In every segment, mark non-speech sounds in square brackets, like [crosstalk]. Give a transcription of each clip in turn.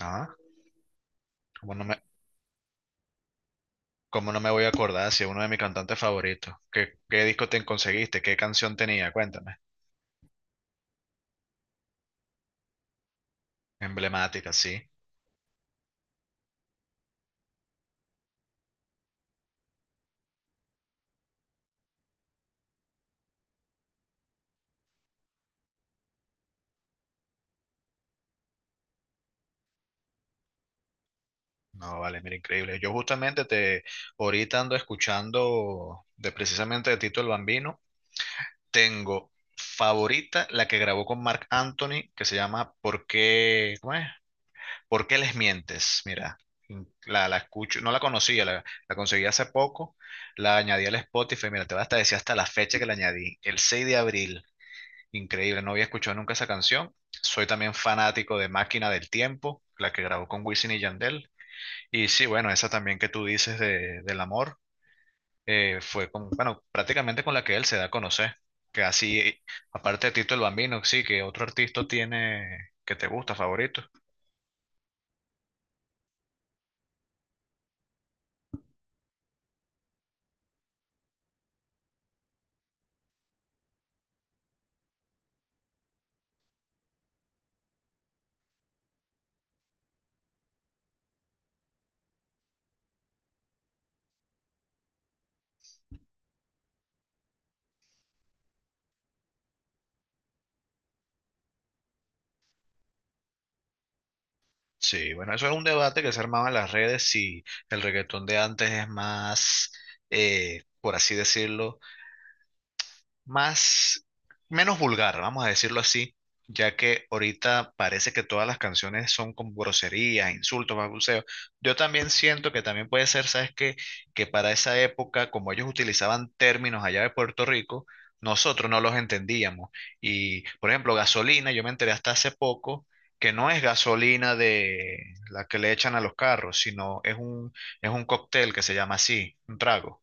Ah, ¿cómo no me, cómo no me voy a acordar si es uno de mis cantantes favoritos? ¿Qué disco te conseguiste? ¿Qué canción tenía? Cuéntame. Emblemática, sí. No, vale, mira, increíble. Yo justamente ahorita ando escuchando de precisamente de Tito el Bambino. Tengo favorita la que grabó con Marc Anthony, que se llama ¿Por qué, cómo es? ¿Por qué les mientes? Mira, la escucho, no la conocía, la conseguí hace poco. La añadí al Spotify, mira, te vas hasta decir hasta la fecha que la añadí, el 6 de abril. Increíble, no había escuchado nunca esa canción. Soy también fanático de Máquina del Tiempo, la que grabó con Wisin y Yandel. Y sí, bueno, esa también que tú dices del amor, fue bueno, prácticamente con la que él se da a conocer. Que así, aparte de Tito el Bambino, sí, que otro artista tiene que te gusta, favorito. Sí, bueno, eso es un debate que se armaba en las redes si el reggaetón de antes es más, por así decirlo, más, menos vulgar, vamos a decirlo así, ya que ahorita parece que todas las canciones son con groserías, insultos, balbuceos. Yo también siento que también puede ser, ¿sabes qué? Que para esa época, como ellos utilizaban términos allá de Puerto Rico, nosotros no los entendíamos. Y, por ejemplo, gasolina, yo me enteré hasta hace poco, que no es gasolina de la que le echan a los carros, sino es un cóctel que se llama así, un trago.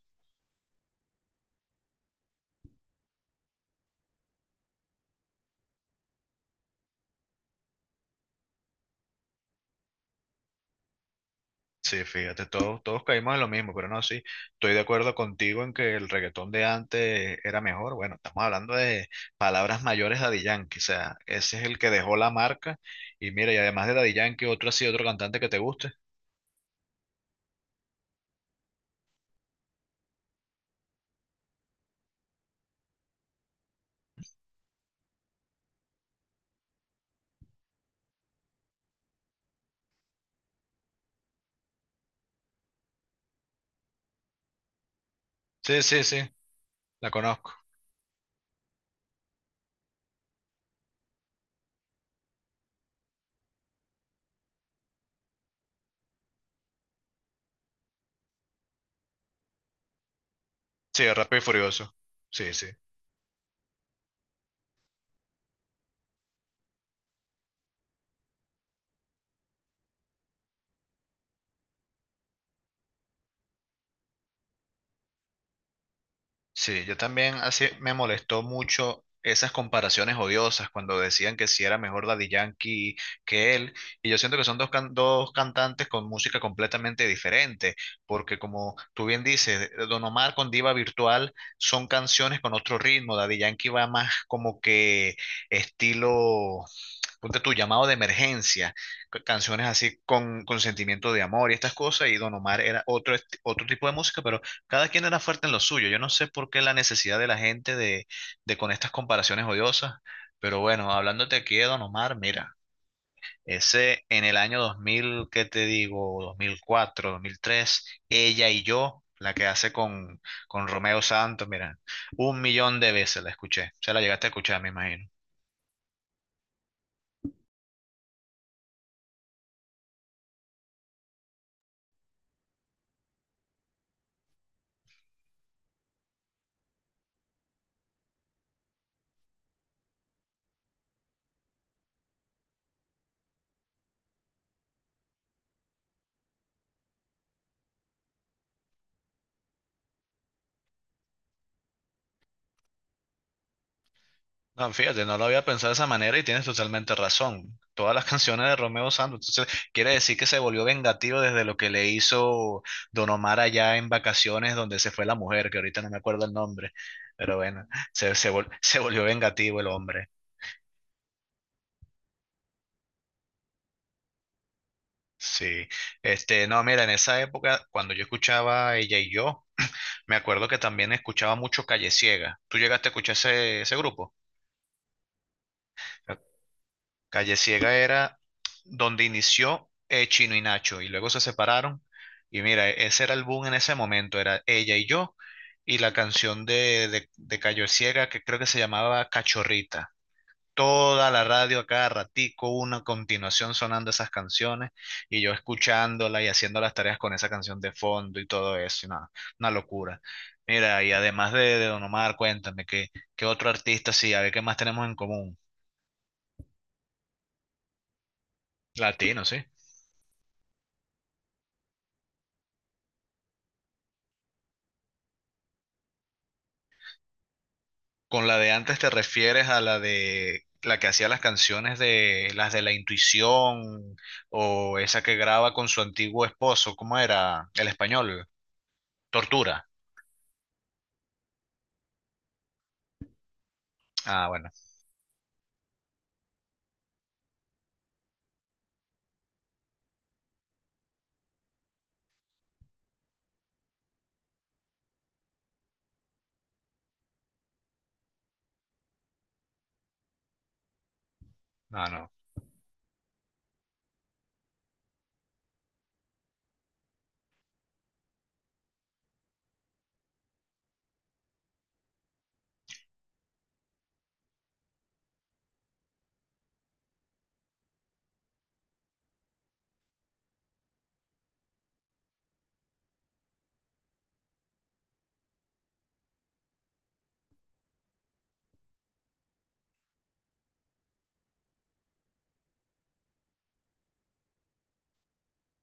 Sí, fíjate, todos caímos en lo mismo, pero no, sí, estoy de acuerdo contigo en que el reggaetón de antes era mejor. Bueno, estamos hablando de palabras mayores de Daddy Yankee, o sea, ese es el que dejó la marca. Y mira, y además de Daddy Yankee, otro así, otro cantante que te guste. Sí, sí, sí, la conozco. Sí, Rápido y Furioso. Sí, sí. Sí, yo también así me molestó mucho esas comparaciones odiosas cuando decían que si era mejor Daddy Yankee que él. Y yo siento que son dos cantantes con música completamente diferente, porque como tú bien dices, Don Omar con Diva Virtual son canciones con otro ritmo. Daddy Yankee va más como que estilo, ponte tu llamado de emergencia, canciones así con sentimiento de amor y estas cosas. Y Don Omar era otro, otro tipo de música, pero cada quien era fuerte en lo suyo. Yo no sé por qué la necesidad de la gente de con estas comparaciones odiosas, pero bueno, hablándote aquí de Don Omar, mira, ese en el año 2000 ¿qué te digo? dos mil cuatro 2003 ella y yo, la que hace con Romeo Santos, mira, un millón de veces la escuché. Se la llegaste a escuchar, me imagino. No, fíjate, no lo había pensado de esa manera y tienes totalmente razón. Todas las [laughs] canciones de Romeo Santos. Entonces, quiere decir que se volvió vengativo desde lo que le hizo Don Omar allá en vacaciones donde se fue la mujer, que ahorita no me acuerdo el nombre, pero bueno, se, vol- [laughs] se volvió vengativo el hombre. Sí. No, mira, en esa época, cuando yo escuchaba Ella y yo, [clears throat] me acuerdo que también escuchaba mucho Calle Ciega. ¿Tú llegaste a escuchar ese, ese grupo? Ca- Calle Ciega era donde inició Chino y Nacho y luego se separaron. Y mira, ese era el boom en ese momento, era ella y yo y la canción de Cayo Ciega que creo que se llamaba Cachorrita. Toda la radio a cada ratico, una continuación sonando esas canciones y yo escuchándola y haciendo las tareas con esa canción de fondo y todo eso, y nada, una locura. Mira, y además de Don Omar, cuéntame, ¿qué otro artista sí? A ver, ¿qué más tenemos en común? Latino, sí. Con la de antes te refieres a la de la que hacía las canciones de las de la intuición o esa que graba con su antiguo esposo, ¿cómo era? El español, Tortura. Ah, bueno, no, no.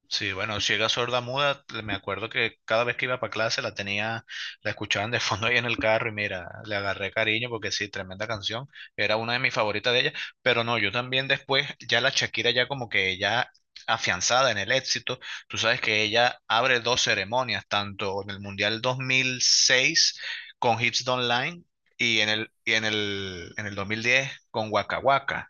Sí, bueno, ciega, sorda, muda, me acuerdo que cada vez que iba para clase la tenía, la escuchaban de [laughs] fondo ahí en el carro y mira, le agarré cariño porque sí, tremenda canción, era una de mis favoritas de ella, pero no, yo también después, ya la Shakira ya como que ya afianzada en el éxito, tú sabes que ella abre dos ceremonias, tanto en el Mundial 2006 con Hips Don't Lie y en el 2010 con Waka Waka.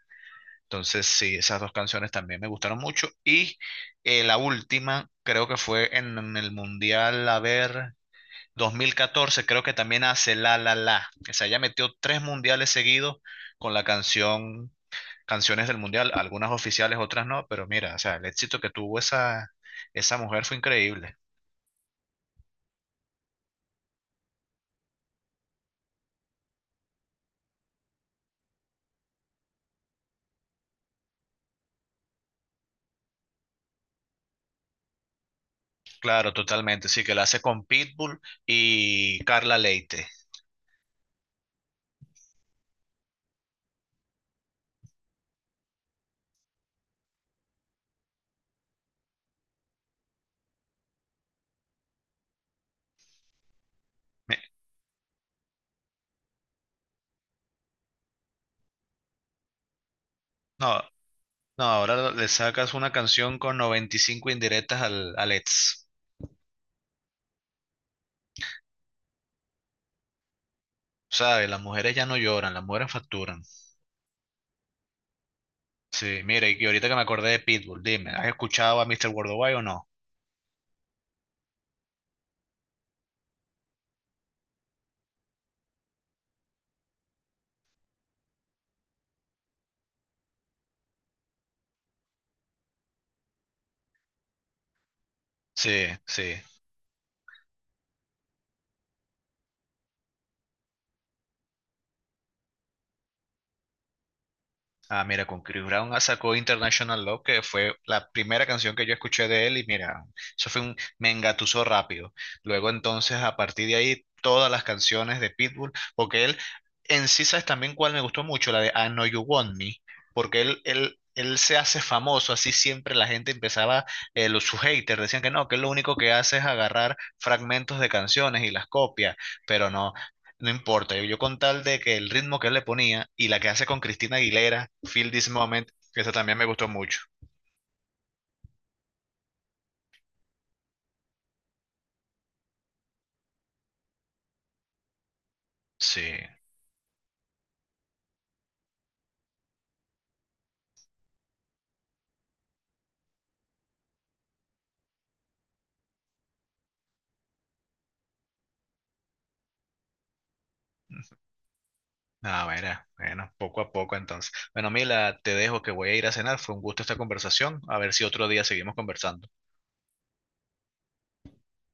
Entonces, sí, esas dos canciones también me gustaron mucho. Y la última, creo que fue en el Mundial, a ver, 2014 creo que también hace La La La. O sea, ella metió tres mundiales seguidos con la canción, canciones del Mundial, algunas oficiales, otras no, pero mira, o sea, el éxito que tuvo esa, esa mujer fue increíble. Claro, totalmente. Sí, que la hace con Pitbull y Carla Leite. Me- No, no, ahora le sacas una canción con 95 indirectas al, al ex. ¿Sabes? Las mujeres ya no lloran, las mujeres facturan. Sí, mira y ahorita que me acordé de Pitbull, dime, ¿has escuchado a Mr. Worldwide o no? Sí, sí. Ah, mira, con Chris Brown sacó International Love, que fue la primera canción que yo escuché de él, y mira, eso fue un me engatusó rápido. Luego entonces, a partir de ahí, todas las canciones de Pitbull, porque él, en sí, ¿sabes también cuál me gustó mucho? La de I Know You Want Me, porque él se hace famoso, así siempre la gente empezaba, los, sus haters decían que no, que él lo único que hace es agarrar fragmentos de canciones y las copia, pero no. No importa, yo con tal de que el ritmo que él le ponía y la que hace con Cristina Aguilera, Feel This Moment, que esa también me gustó mucho. Sí, ah, mira, bueno, poco a poco entonces. Bueno, Mila, te dejo que voy a ir a cenar, fue un gusto esta conversación, a ver si otro día seguimos conversando.